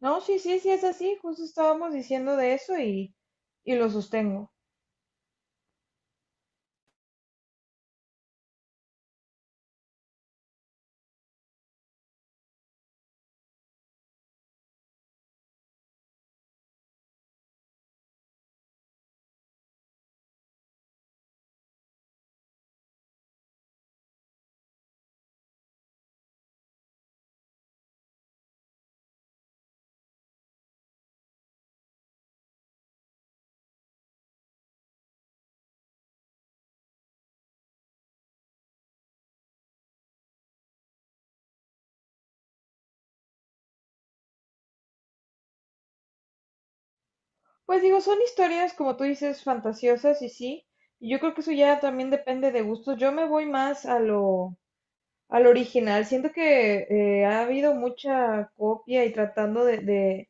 No, sí, sí, sí es así, justo estábamos diciendo de eso, y lo sostengo. Pues digo, son historias, como tú dices, fantasiosas y sí, y yo creo que eso ya también depende de gustos. Yo me voy más al original. Siento que ha habido mucha copia y tratando de, de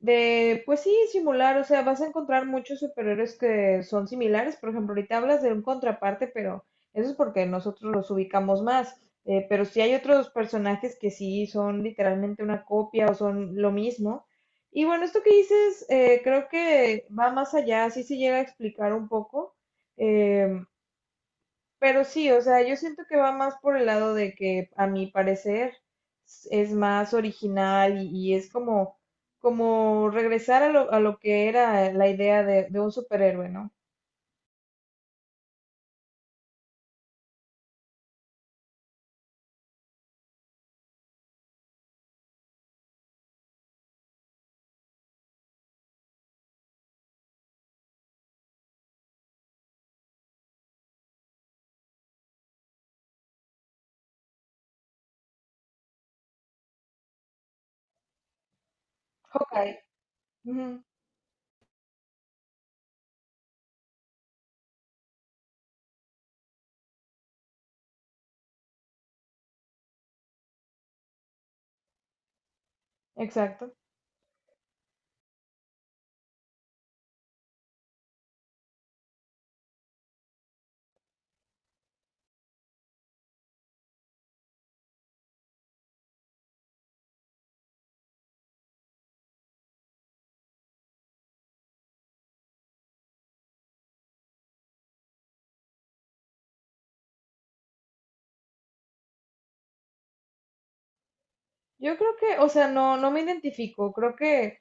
De, pues sí, simular. O sea, vas a encontrar muchos superhéroes que son similares. Por ejemplo, ahorita hablas de un contraparte, pero eso es porque nosotros los ubicamos más. Pero sí hay otros personajes que sí son literalmente una copia o son lo mismo. Y bueno, esto que dices, creo que va más allá, sí se llega a explicar un poco. Eh, pero sí, o sea, yo siento que va más por el lado de que a mi parecer es más original y es como regresar a lo que era la idea de un superhéroe, ¿no? Ok. Ujú, exacto. Yo creo que, o sea, no, no me identifico. creo que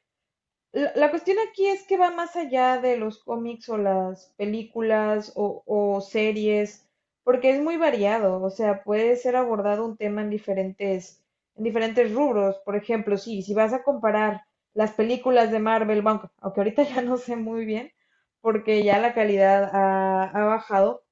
La, la cuestión aquí es que va más allá de los cómics o las películas o series, porque es muy variado, o sea, puede ser abordado un tema en diferentes, rubros. Por ejemplo, sí, si vas a comparar las películas de Marvel, bueno, aunque ahorita ya no sé muy bien, porque ya la calidad ha bajado,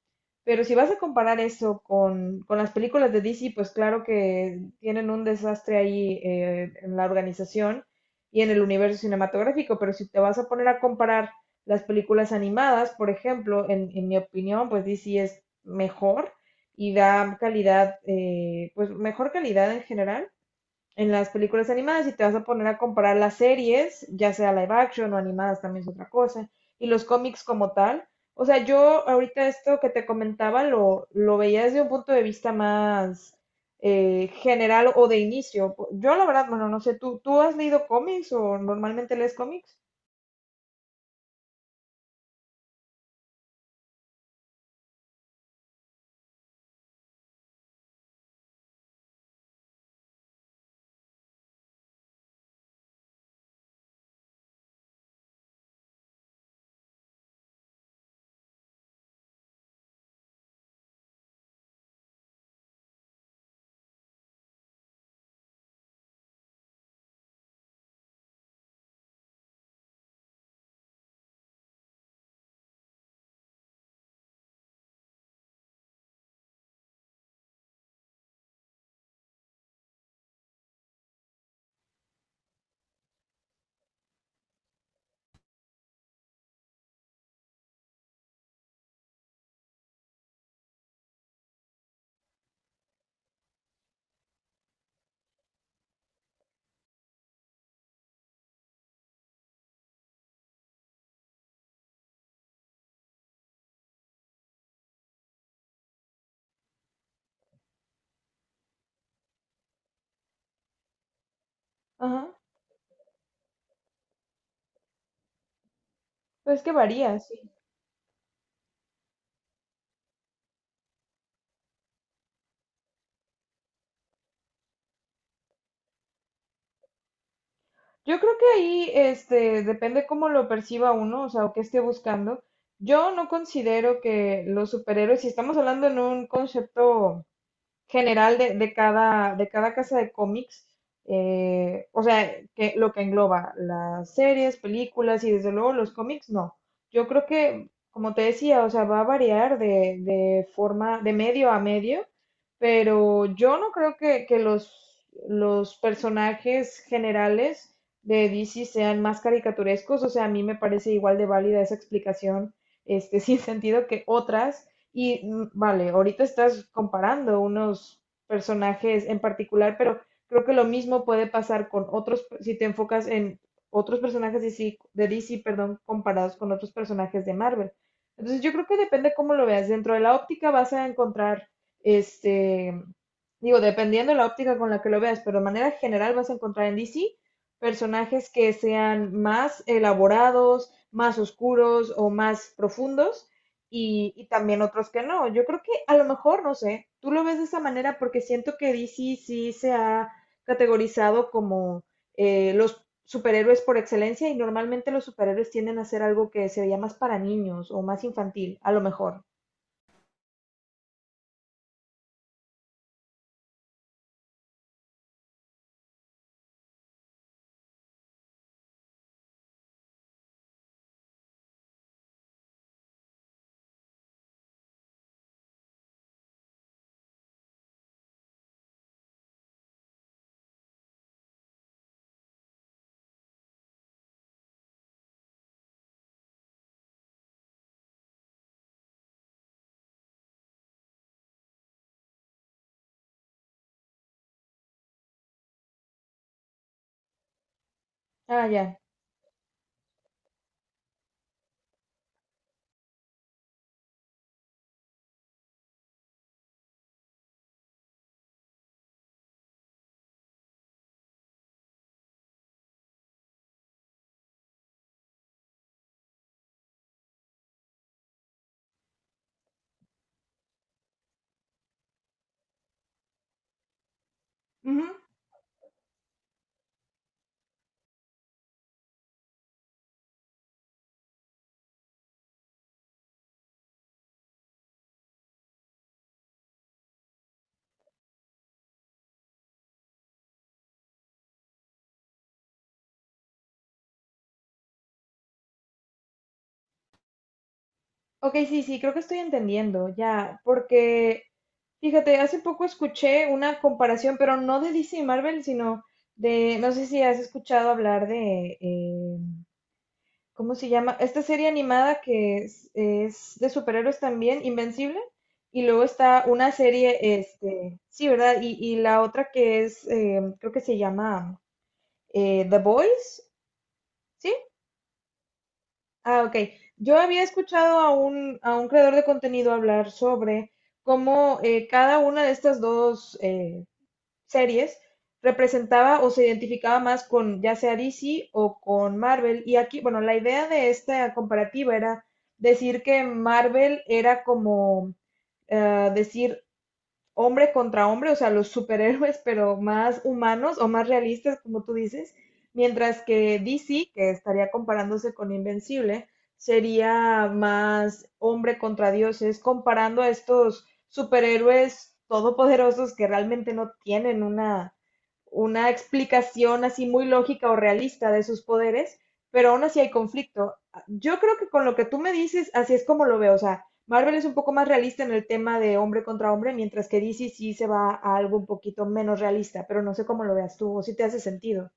pero si vas a comparar eso con las películas de DC, pues claro que tienen un desastre ahí, en la organización y en el universo cinematográfico. Pero si te vas a poner a comparar las películas animadas, por ejemplo, en mi opinión, pues DC es mejor y da calidad, pues mejor calidad en general en las películas animadas, y te vas a poner a comparar las series, ya sea live action o animadas también es otra cosa, y los cómics como tal. O sea, yo ahorita esto que te comentaba lo veía desde un punto de vista más general o de inicio. Yo la verdad, bueno, no sé, ¿tú has leído cómics o normalmente lees cómics? Ajá, pues que varía, sí. Yo creo que ahí, depende cómo lo perciba uno, o sea, o qué esté buscando. Yo no considero que los superhéroes, si estamos hablando en un concepto general de cada casa de cómics, o sea, que lo que engloba las series, películas y desde luego los cómics, no. Yo creo que, como te decía, o sea, va a variar de forma, de medio a medio, pero yo no creo que los personajes generales de DC sean más caricaturescos, o sea, a mí me parece igual de válida esa explicación, sin sentido que otras y vale, ahorita estás comparando unos personajes en particular, pero creo que lo mismo puede pasar con otros, si te enfocas en otros personajes de DC, perdón, comparados con otros personajes de Marvel. Entonces yo creo que depende cómo lo veas. Dentro de la óptica vas a encontrar, este, digo, dependiendo de la óptica con la que lo veas, pero de manera general vas a encontrar en DC personajes que sean más elaborados, más oscuros o más profundos, y también otros que no. Yo creo que a lo mejor, no sé, tú lo ves de esa manera porque siento que DC sí se ha categorizado como los superhéroes por excelencia, y normalmente los superhéroes tienden a ser algo que se veía más para niños o más infantil, a lo mejor. Ah, ya. Ujú. Ok, sí, sí, creo que estoy entendiendo, ya, porque fíjate, hace poco escuché una comparación, pero no de DC y Marvel, sino de, no sé si has escuchado hablar de, ¿cómo se llama? Esta serie animada que es de superhéroes también, Invencible. Y luego está una serie, sí, ¿verdad? Y la otra creo que se llama The Voice, ¿sí? Ah, ok. Yo había escuchado a un creador de contenido hablar sobre cómo cada una de estas dos series representaba o se identificaba más con ya sea DC o con Marvel. Y aquí, bueno, la idea de esta comparativa era decir que Marvel era como decir hombre contra hombre, o sea, los superhéroes, pero más humanos o más realistas, como tú dices, mientras que DC, que estaría comparándose con Invencible, sería más hombre contra dioses, comparando a estos superhéroes todopoderosos que realmente no tienen una explicación así muy lógica o realista de sus poderes, pero aún así hay conflicto. Yo creo que con lo que tú me dices, así es como lo veo. O sea, Marvel es un poco más realista en el tema de hombre contra hombre, mientras que DC sí se va a algo un poquito menos realista, pero no sé cómo lo veas tú o si te hace sentido.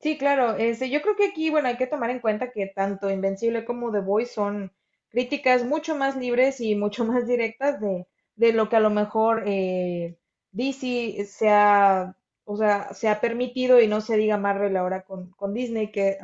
Sí, claro. Yo creo que aquí, bueno, hay que tomar en cuenta que tanto Invencible como The Voice son críticas mucho más libres y mucho más directas de lo que a lo mejor DC se ha, o sea, se ha permitido, y no se diga Marvel ahora con Disney, que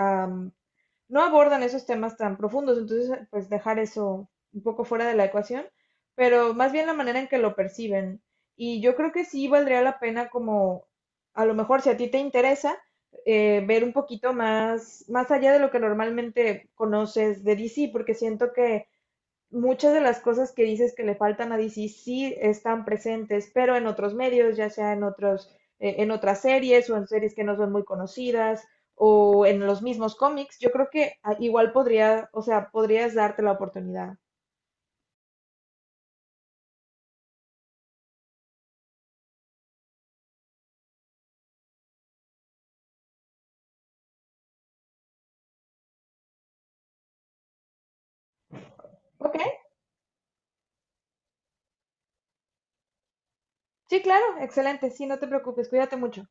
no abordan esos temas tan profundos. Entonces pues dejar eso un poco fuera de la ecuación, pero más bien la manera en que lo perciben. Y yo creo que sí valdría la pena como, a lo mejor si a ti te interesa, ver un poquito más allá de lo que normalmente conoces de DC, porque siento que muchas de las cosas que dices que le faltan a DC sí están presentes, pero en otros medios, ya sea en otras series o en series que no son muy conocidas o en los mismos cómics, yo creo que igual podría, o sea, podrías darte la oportunidad. Ok, sí, claro, excelente, sí, no te preocupes, cuídate mucho.